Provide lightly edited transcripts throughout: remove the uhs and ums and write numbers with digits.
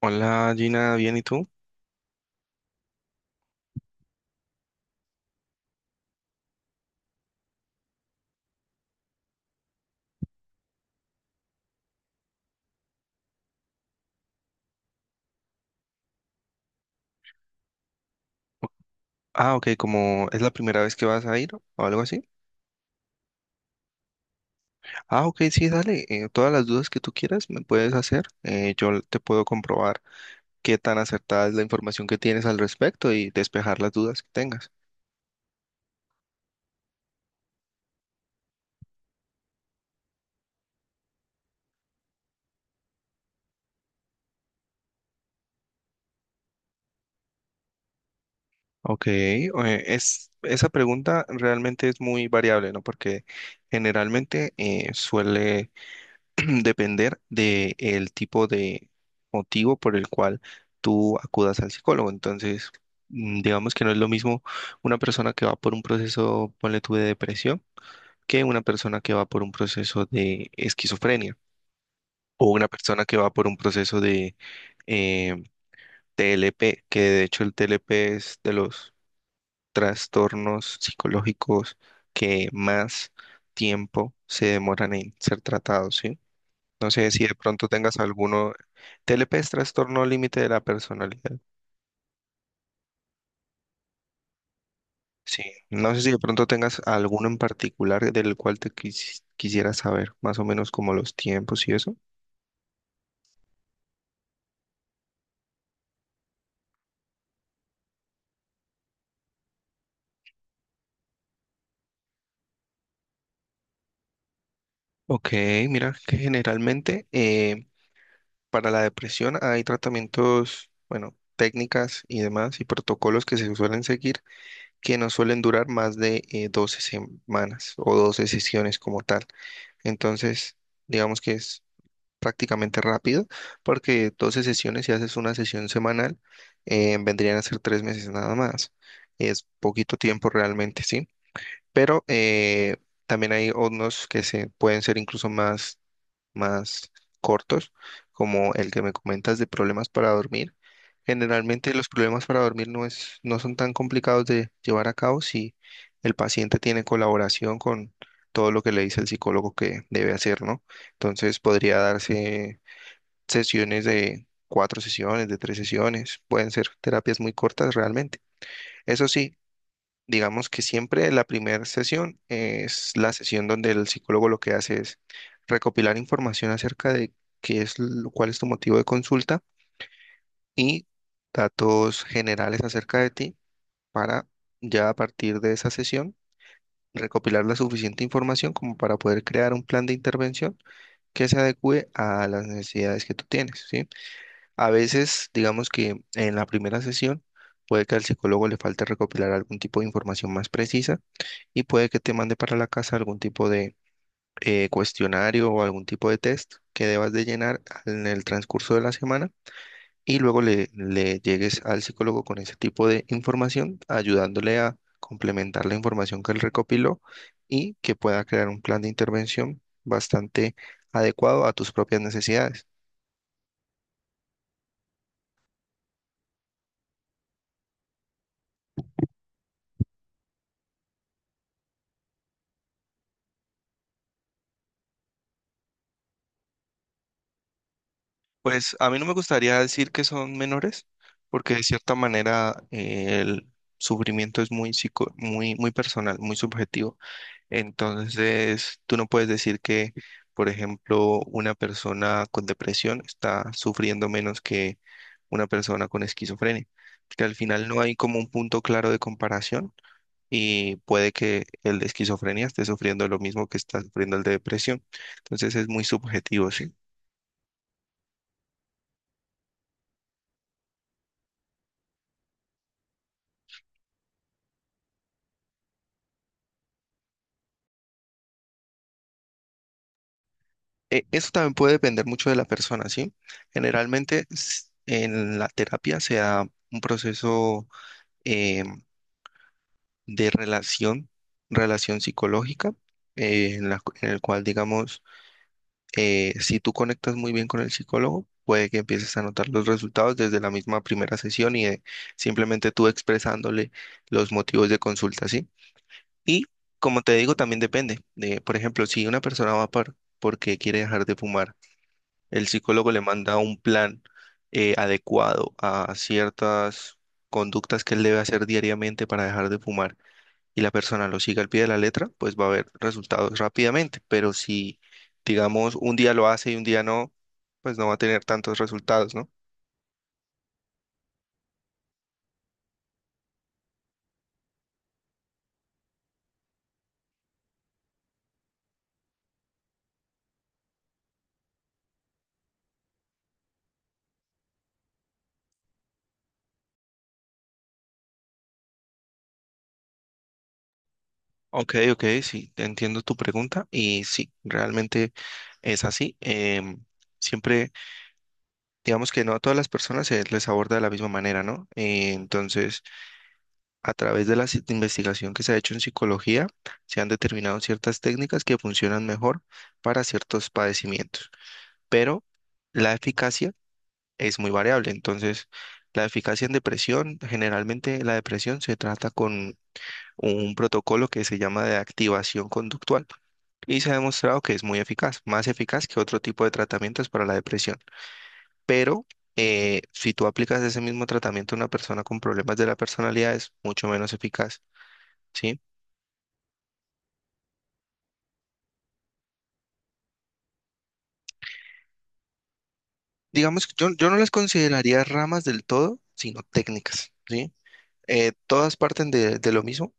Hola Gina, ¿bien y tú? Ah, ok, como es la primera vez que vas a ir o algo así. Ah, ok, sí, dale. Todas las dudas que tú quieras me puedes hacer. Yo te puedo comprobar qué tan acertada es la información que tienes al respecto y despejar las dudas que tengas. Ok, esa pregunta realmente es muy variable, ¿no? Porque generalmente suele depender del tipo de motivo por el cual tú acudas al psicólogo. Entonces, digamos que no es lo mismo una persona que va por un proceso, ponle tú, de depresión, que una persona que va por un proceso de esquizofrenia o una persona que va por un proceso de eh, TLP, que de hecho el TLP es de los trastornos psicológicos que más tiempo se demoran en ser tratados, ¿sí? No sé si de pronto tengas alguno. TLP es trastorno límite de la personalidad. Sí, no sé si de pronto tengas alguno en particular del cual te quisieras saber, más o menos como los tiempos y eso. Ok, mira que generalmente para la depresión hay tratamientos, bueno, técnicas y demás y protocolos que se suelen seguir que no suelen durar más de 12 semanas o 12 sesiones como tal. Entonces, digamos que es prácticamente rápido, porque 12 sesiones, si haces una sesión semanal, vendrían a ser tres meses nada más. Es poquito tiempo realmente, sí. Pero también hay unos que se pueden ser incluso más, más cortos, como el que me comentas de problemas para dormir. Generalmente los problemas para dormir no es, no son tan complicados de llevar a cabo si el paciente tiene colaboración con todo lo que le dice el psicólogo que debe hacer, ¿no? Entonces podría darse sesiones de cuatro sesiones, de tres sesiones, pueden ser terapias muy cortas realmente. Eso sí, digamos que siempre la primera sesión es la sesión donde el psicólogo lo que hace es recopilar información acerca de qué es, cuál es tu motivo de consulta y datos generales acerca de ti para ya a partir de esa sesión recopilar la suficiente información como para poder crear un plan de intervención que se adecue a las necesidades que tú tienes, ¿sí? A veces, digamos que en la primera sesión puede que al psicólogo le falte recopilar algún tipo de información más precisa y puede que te mande para la casa algún tipo de cuestionario o algún tipo de test que debas de llenar en el transcurso de la semana y luego le llegues al psicólogo con ese tipo de información, ayudándole a complementar la información que él recopiló y que pueda crear un plan de intervención bastante adecuado a tus propias necesidades. Pues a mí no me gustaría decir que son menores, porque de cierta manera el sufrimiento es muy, muy personal, muy subjetivo. Entonces, tú no puedes decir que, por ejemplo, una persona con depresión está sufriendo menos que una persona con esquizofrenia, porque al final no hay como un punto claro de comparación y puede que el de esquizofrenia esté sufriendo lo mismo que está sufriendo el de depresión. Entonces, es muy subjetivo, sí. Eso también puede depender mucho de la persona, ¿sí? Generalmente en la terapia se da un proceso eh, de relación, relación psicológica, en la en el cual, digamos, si tú conectas muy bien con el psicólogo, puede que empieces a notar los resultados desde la misma primera sesión y de simplemente tú expresándole los motivos de consulta, ¿sí? Y como te digo, también depende de, por ejemplo, si una persona va por, porque quiere dejar de fumar. El psicólogo le manda un plan adecuado a ciertas conductas que él debe hacer diariamente para dejar de fumar y la persona lo sigue al pie de la letra, pues va a haber resultados rápidamente. Pero si, digamos, un día lo hace y un día no, pues no va a tener tantos resultados, ¿no? Ok, ok, sí, entiendo tu pregunta y sí, realmente es así. Siempre, digamos que no a todas las personas se les aborda de la misma manera, ¿no? Entonces, a través de la investigación que se ha hecho en psicología, se han determinado ciertas técnicas que funcionan mejor para ciertos padecimientos, pero la eficacia es muy variable. Entonces, la eficacia en depresión, generalmente la depresión se trata con un protocolo que se llama de activación conductual y se ha demostrado que es muy eficaz, más eficaz que otro tipo de tratamientos para la depresión. Pero si tú aplicas ese mismo tratamiento a una persona con problemas de la personalidad, es mucho menos eficaz. ¿Sí? Digamos que yo no las consideraría ramas del todo, sino técnicas, ¿sí? Todas parten de lo mismo,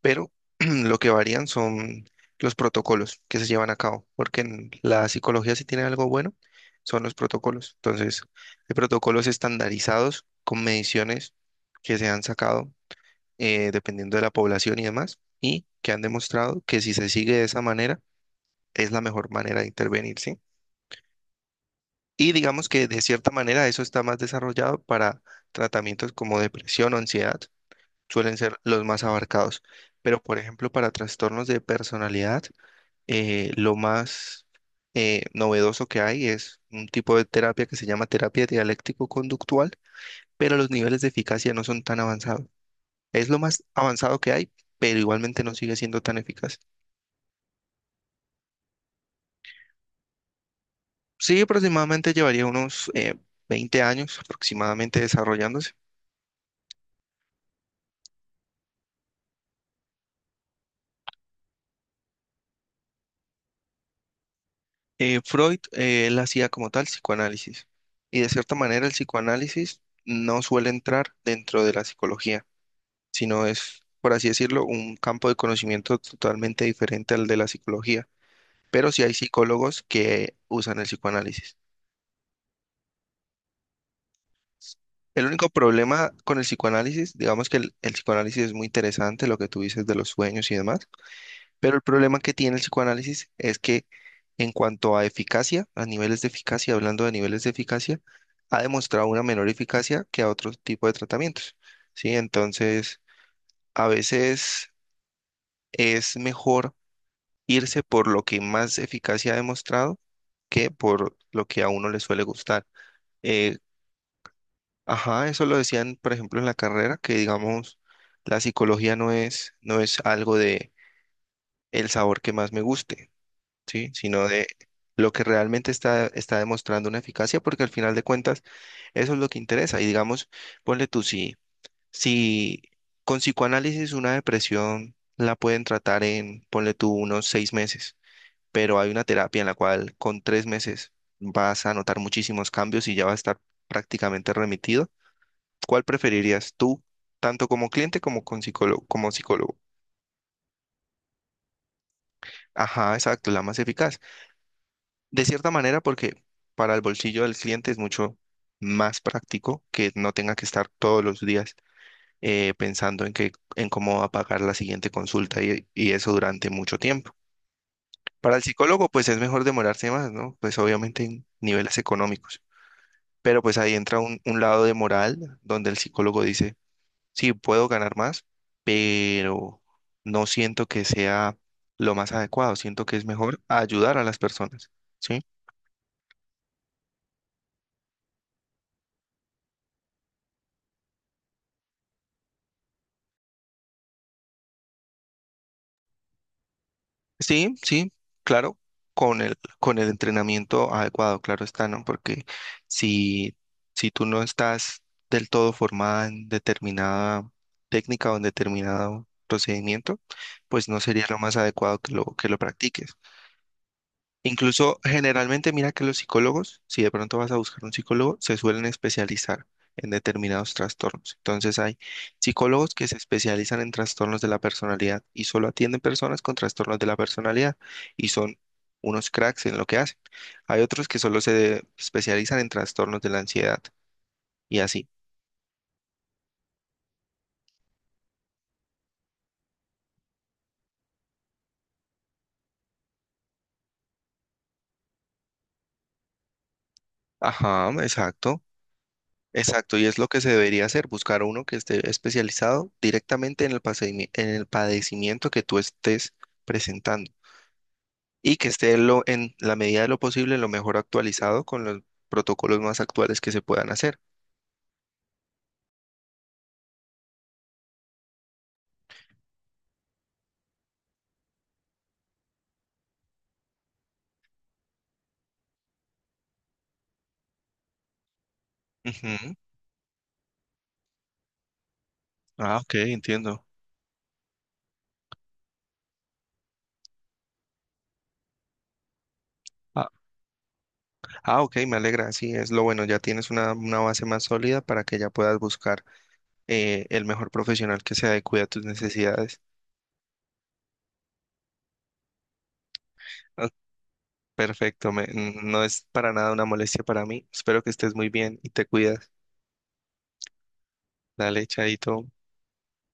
pero lo que varían son los protocolos que se llevan a cabo, porque en la psicología si tiene algo bueno son los protocolos. Entonces, hay protocolos estandarizados con mediciones que se han sacado dependiendo de la población y demás, y que han demostrado que si se sigue de esa manera, es la mejor manera de intervenir, ¿sí? Y digamos que de cierta manera eso está más desarrollado para tratamientos como depresión o ansiedad, suelen ser los más abarcados. Pero, por ejemplo, para trastornos de personalidad, lo más novedoso que hay es un tipo de terapia que se llama terapia dialéctico-conductual, pero los niveles de eficacia no son tan avanzados. Es lo más avanzado que hay, pero igualmente no sigue siendo tan eficaz. Sí, aproximadamente llevaría unos 20 años aproximadamente desarrollándose. Freud, él hacía como tal psicoanálisis y de cierta manera el psicoanálisis no suele entrar dentro de la psicología, sino es, por así decirlo, un campo de conocimiento totalmente diferente al de la psicología, pero sí hay psicólogos que usan el psicoanálisis. El único problema con el psicoanálisis, digamos que el psicoanálisis es muy interesante, lo que tú dices de los sueños y demás. Pero el problema que tiene el psicoanálisis es que en cuanto a eficacia, a niveles de eficacia, hablando de niveles de eficacia, ha demostrado una menor eficacia que a otro tipo de tratamientos, ¿sí? Entonces, a veces es mejor irse por lo que más eficacia ha demostrado que por lo que a uno le suele gustar. Eh, ajá, eso lo decían, por ejemplo, en la carrera, que digamos, la psicología no es algo de el sabor que más me guste, ¿sí? Sino de lo que realmente está demostrando una eficacia, porque al final de cuentas eso es lo que interesa. Y digamos, ponle tú, si con psicoanálisis una depresión la pueden tratar en, ponle tú, unos seis meses, pero hay una terapia en la cual con tres meses vas a notar muchísimos cambios y ya va a estar prácticamente remitido. ¿Cuál preferirías tú, tanto como cliente como con psicólogo, como psicólogo? Ajá, exacto, la más eficaz. De cierta manera, porque para el bolsillo del cliente es mucho más práctico que no tenga que estar todos los días pensando en que, en cómo va a pagar la siguiente consulta y eso durante mucho tiempo. Para el psicólogo, pues es mejor demorarse más, ¿no? Pues obviamente en niveles económicos. Pero pues ahí entra un lado de moral donde el psicólogo dice, sí, puedo ganar más, pero no siento que sea lo más adecuado, siento que es mejor ayudar a las personas, ¿sí? Sí, sí, claro, con el, con el entrenamiento adecuado, claro está, ¿no? Porque si, si tú no estás del todo formada en determinada técnica o en determinado procedimiento, pues no sería lo más adecuado que que lo practiques. Incluso generalmente mira que los psicólogos, si de pronto vas a buscar un psicólogo, se suelen especializar en determinados trastornos. Entonces hay psicólogos que se especializan en trastornos de la personalidad y solo atienden personas con trastornos de la personalidad y son unos cracks en lo que hacen. Hay otros que solo se especializan en trastornos de la ansiedad y así. Ajá, exacto. Exacto, y es lo que se debería hacer, buscar uno que esté especializado directamente en el padecimiento que tú estés presentando. Y que esté en la medida de lo posible lo mejor actualizado con los protocolos más actuales que se puedan hacer. Ujú. Ah, ok, entiendo. Ah, ah, ok, me alegra, sí, es lo bueno, ya tienes una base más sólida para que ya puedas buscar el mejor profesional que se adecue a tus necesidades. Ah, perfecto, no es para nada una molestia para mí. Espero que estés muy bien y te cuidas. Dale, chaito.